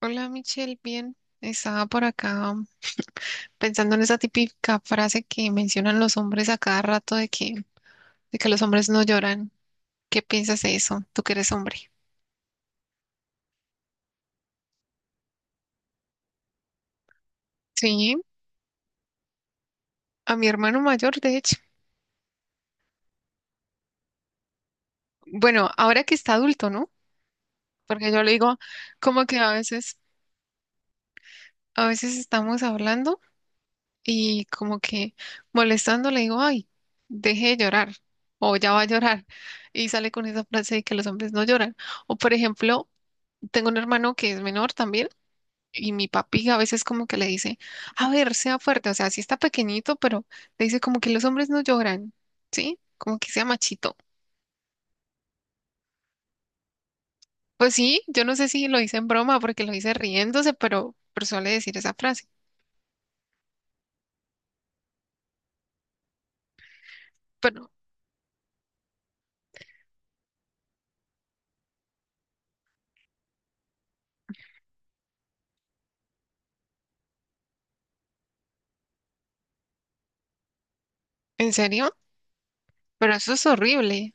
Hola Michelle, bien. Estaba por acá pensando en esa típica frase que mencionan los hombres a cada rato de que los hombres no lloran. ¿Qué piensas de eso? Tú que eres hombre. Sí, a mi hermano mayor, de hecho. Bueno, ahora que está adulto, ¿no? Porque yo le digo como que a veces estamos hablando y como que molestando le digo, ay, deje de llorar o ya va a llorar. Y sale con esa frase de que los hombres no lloran. O por ejemplo, tengo un hermano que es menor también. Y mi papi a veces como que le dice, a ver, sea fuerte, o sea, sí está pequeñito, pero le dice como que los hombres no lloran, ¿sí? Como que sea machito. Pues sí, yo no sé si lo hice en broma porque lo hice riéndose, pero suele decir esa frase. Pero, ¿en serio? Pero eso es horrible.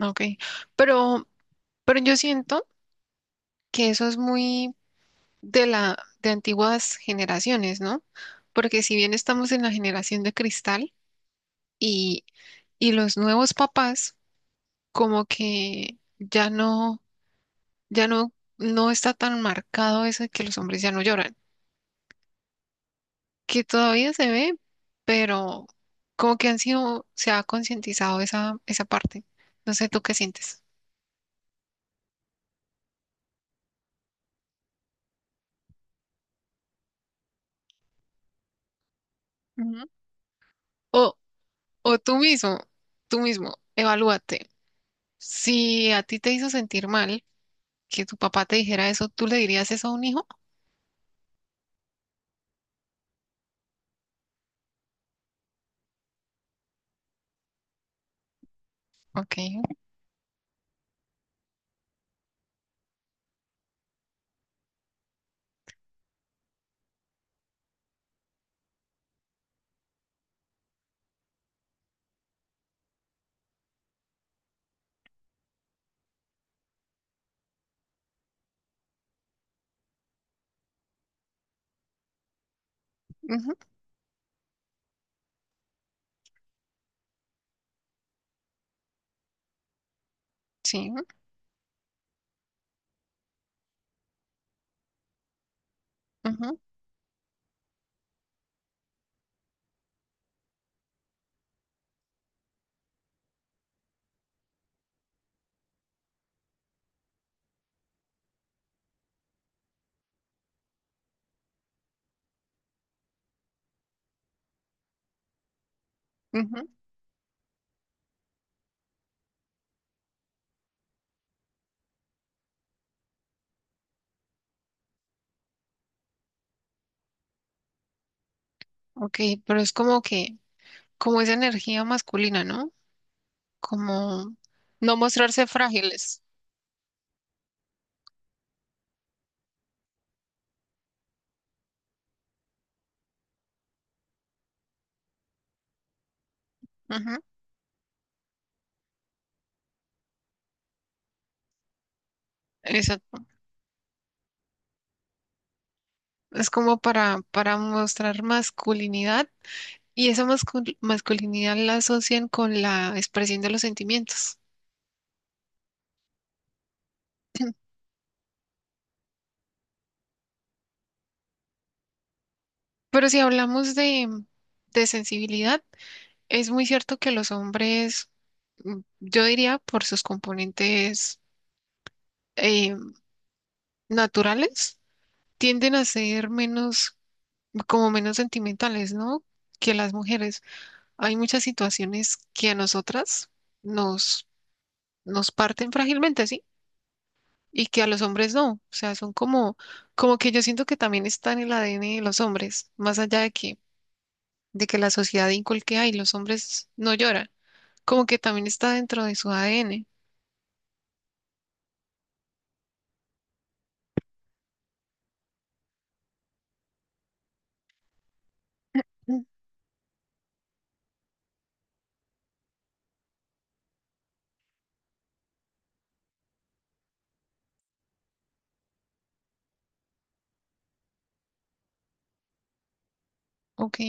Ok. Pero, pero yo siento que eso es muy de la, de antiguas generaciones, ¿no? Porque si bien estamos en la generación de cristal y, y los nuevos papás como que ya no, no está tan marcado eso de que los hombres ya no lloran, que todavía se ve, pero como que han sido, se ha concientizado esa parte. No sé, ¿tú qué sientes? Ujú. O, o tú mismo, evalúate. Si a ti te hizo sentir mal que tu papá te dijera eso, ¿tú le dirías eso a un hijo? Ok, ujú, sí, ujú, ujú, ok, pero es como que, como esa energía masculina, ¿no? Como no mostrarse frágiles. Ujú. Exacto. Es como para mostrar masculinidad y esa masculinidad la asocian con la expresión de los sentimientos. Pero si hablamos de sensibilidad, es muy cierto que los hombres, yo diría por sus componentes eh, naturales, tienden a ser menos, como menos sentimentales, ¿no? Que las mujeres. Hay muchas situaciones que a nosotras nos, nos parten frágilmente, ¿sí? Y que a los hombres no. O sea, son como, como que yo siento que también está en el ADN de los hombres, más allá de que la sociedad inculque, ay, los hombres no lloran. Como que también está dentro de su ADN. Mm. Ok,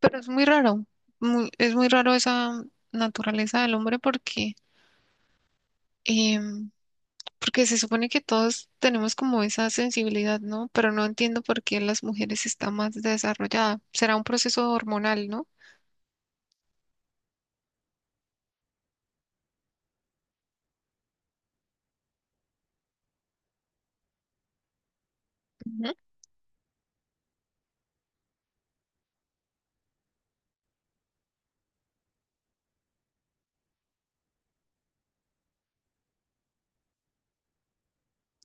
pero es muy raro. Es muy raro esa naturaleza del hombre porque, em, porque se supone que todos tenemos como esa sensibilidad, ¿no? Pero no entiendo por qué en las mujeres está más desarrollada. Será un proceso hormonal, ¿no? Ujú.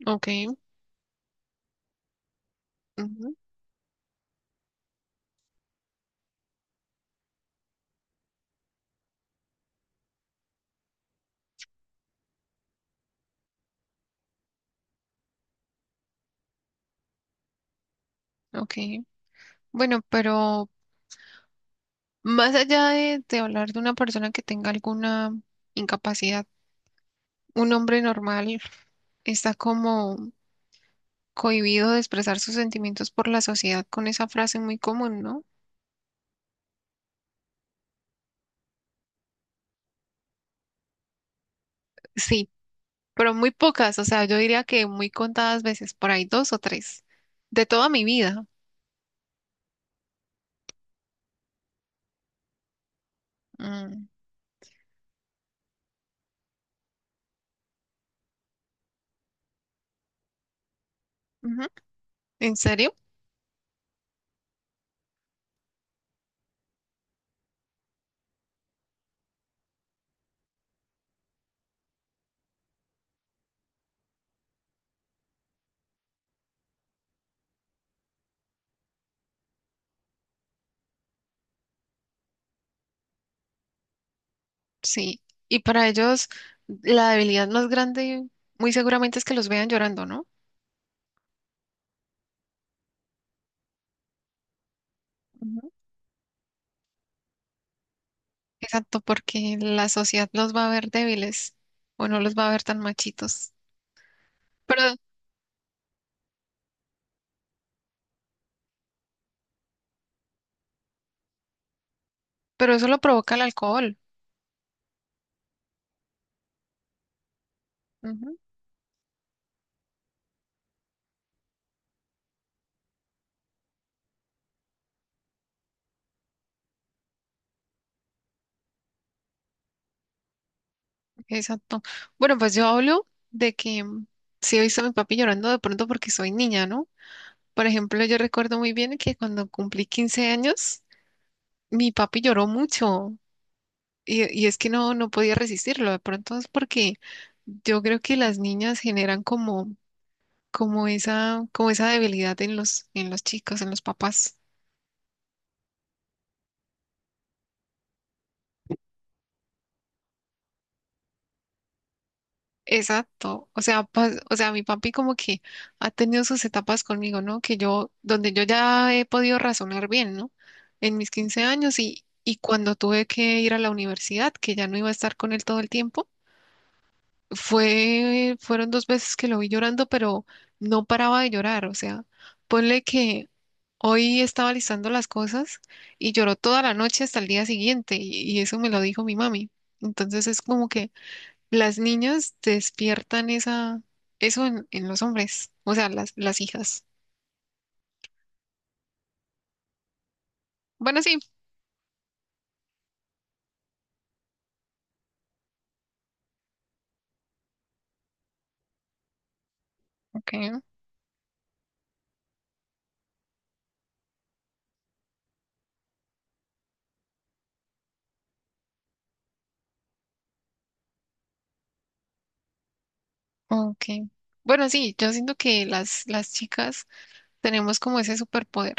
Ok, ujú, ok. Bueno, pero más allá de hablar de una persona que tenga alguna incapacidad, un hombre normal está como cohibido de expresar sus sentimientos por la sociedad con esa frase muy común, ¿no? Sí, pero muy pocas, o sea, yo diría que muy contadas veces, por ahí dos o tres, de toda mi vida. Mm, ujú. ¿En serio? Sí. Y para ellos la debilidad más grande muy seguramente es que los vean llorando, ¿no? Ujú. Exacto, porque la sociedad los va a ver débiles o no los va a ver tan machitos. Pero, pero eso lo provoca el alcohol. Ujú. Exacto. Bueno, pues yo hablo de que sí he visto a mi papi llorando de pronto porque soy niña, ¿no? Por ejemplo, yo recuerdo muy bien que cuando cumplí 15 años, mi papi lloró mucho. Y es que no podía resistirlo, de pronto es porque yo creo que las niñas generan como, como esa debilidad en en los chicos, en los papás. Exacto. O sea, o sea, mi papi como que ha tenido sus etapas conmigo, ¿no? Que yo, donde yo ya he podido razonar bien, ¿no? En mis 15 años y cuando tuve que ir a la universidad, que ya no iba a estar con él todo el tiempo. Fueron dos veces que lo vi llorando, pero no paraba de llorar. O sea, ponle que hoy estaba listando las cosas y lloró toda la noche hasta el día siguiente y eso me lo dijo mi mami. Entonces es como que las niñas despiertan eso en los hombres, o sea, las hijas. Bueno, sí, ok, ok. Bueno, sí, yo siento que las chicas tenemos como ese superpoder.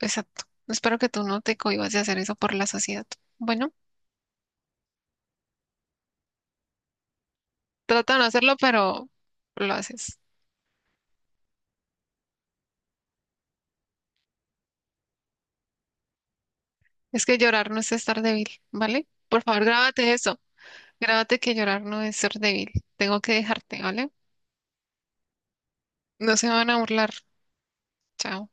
Exacto. Espero que tú no te cohibas de hacer eso por la sociedad. Bueno, trata de no hacerlo, pero lo haces. Es que llorar no es estar débil, ¿vale? Por favor, grábate eso. Grábate que llorar no es ser débil. Tengo que dejarte, ¿vale? No se van a burlar. Chao.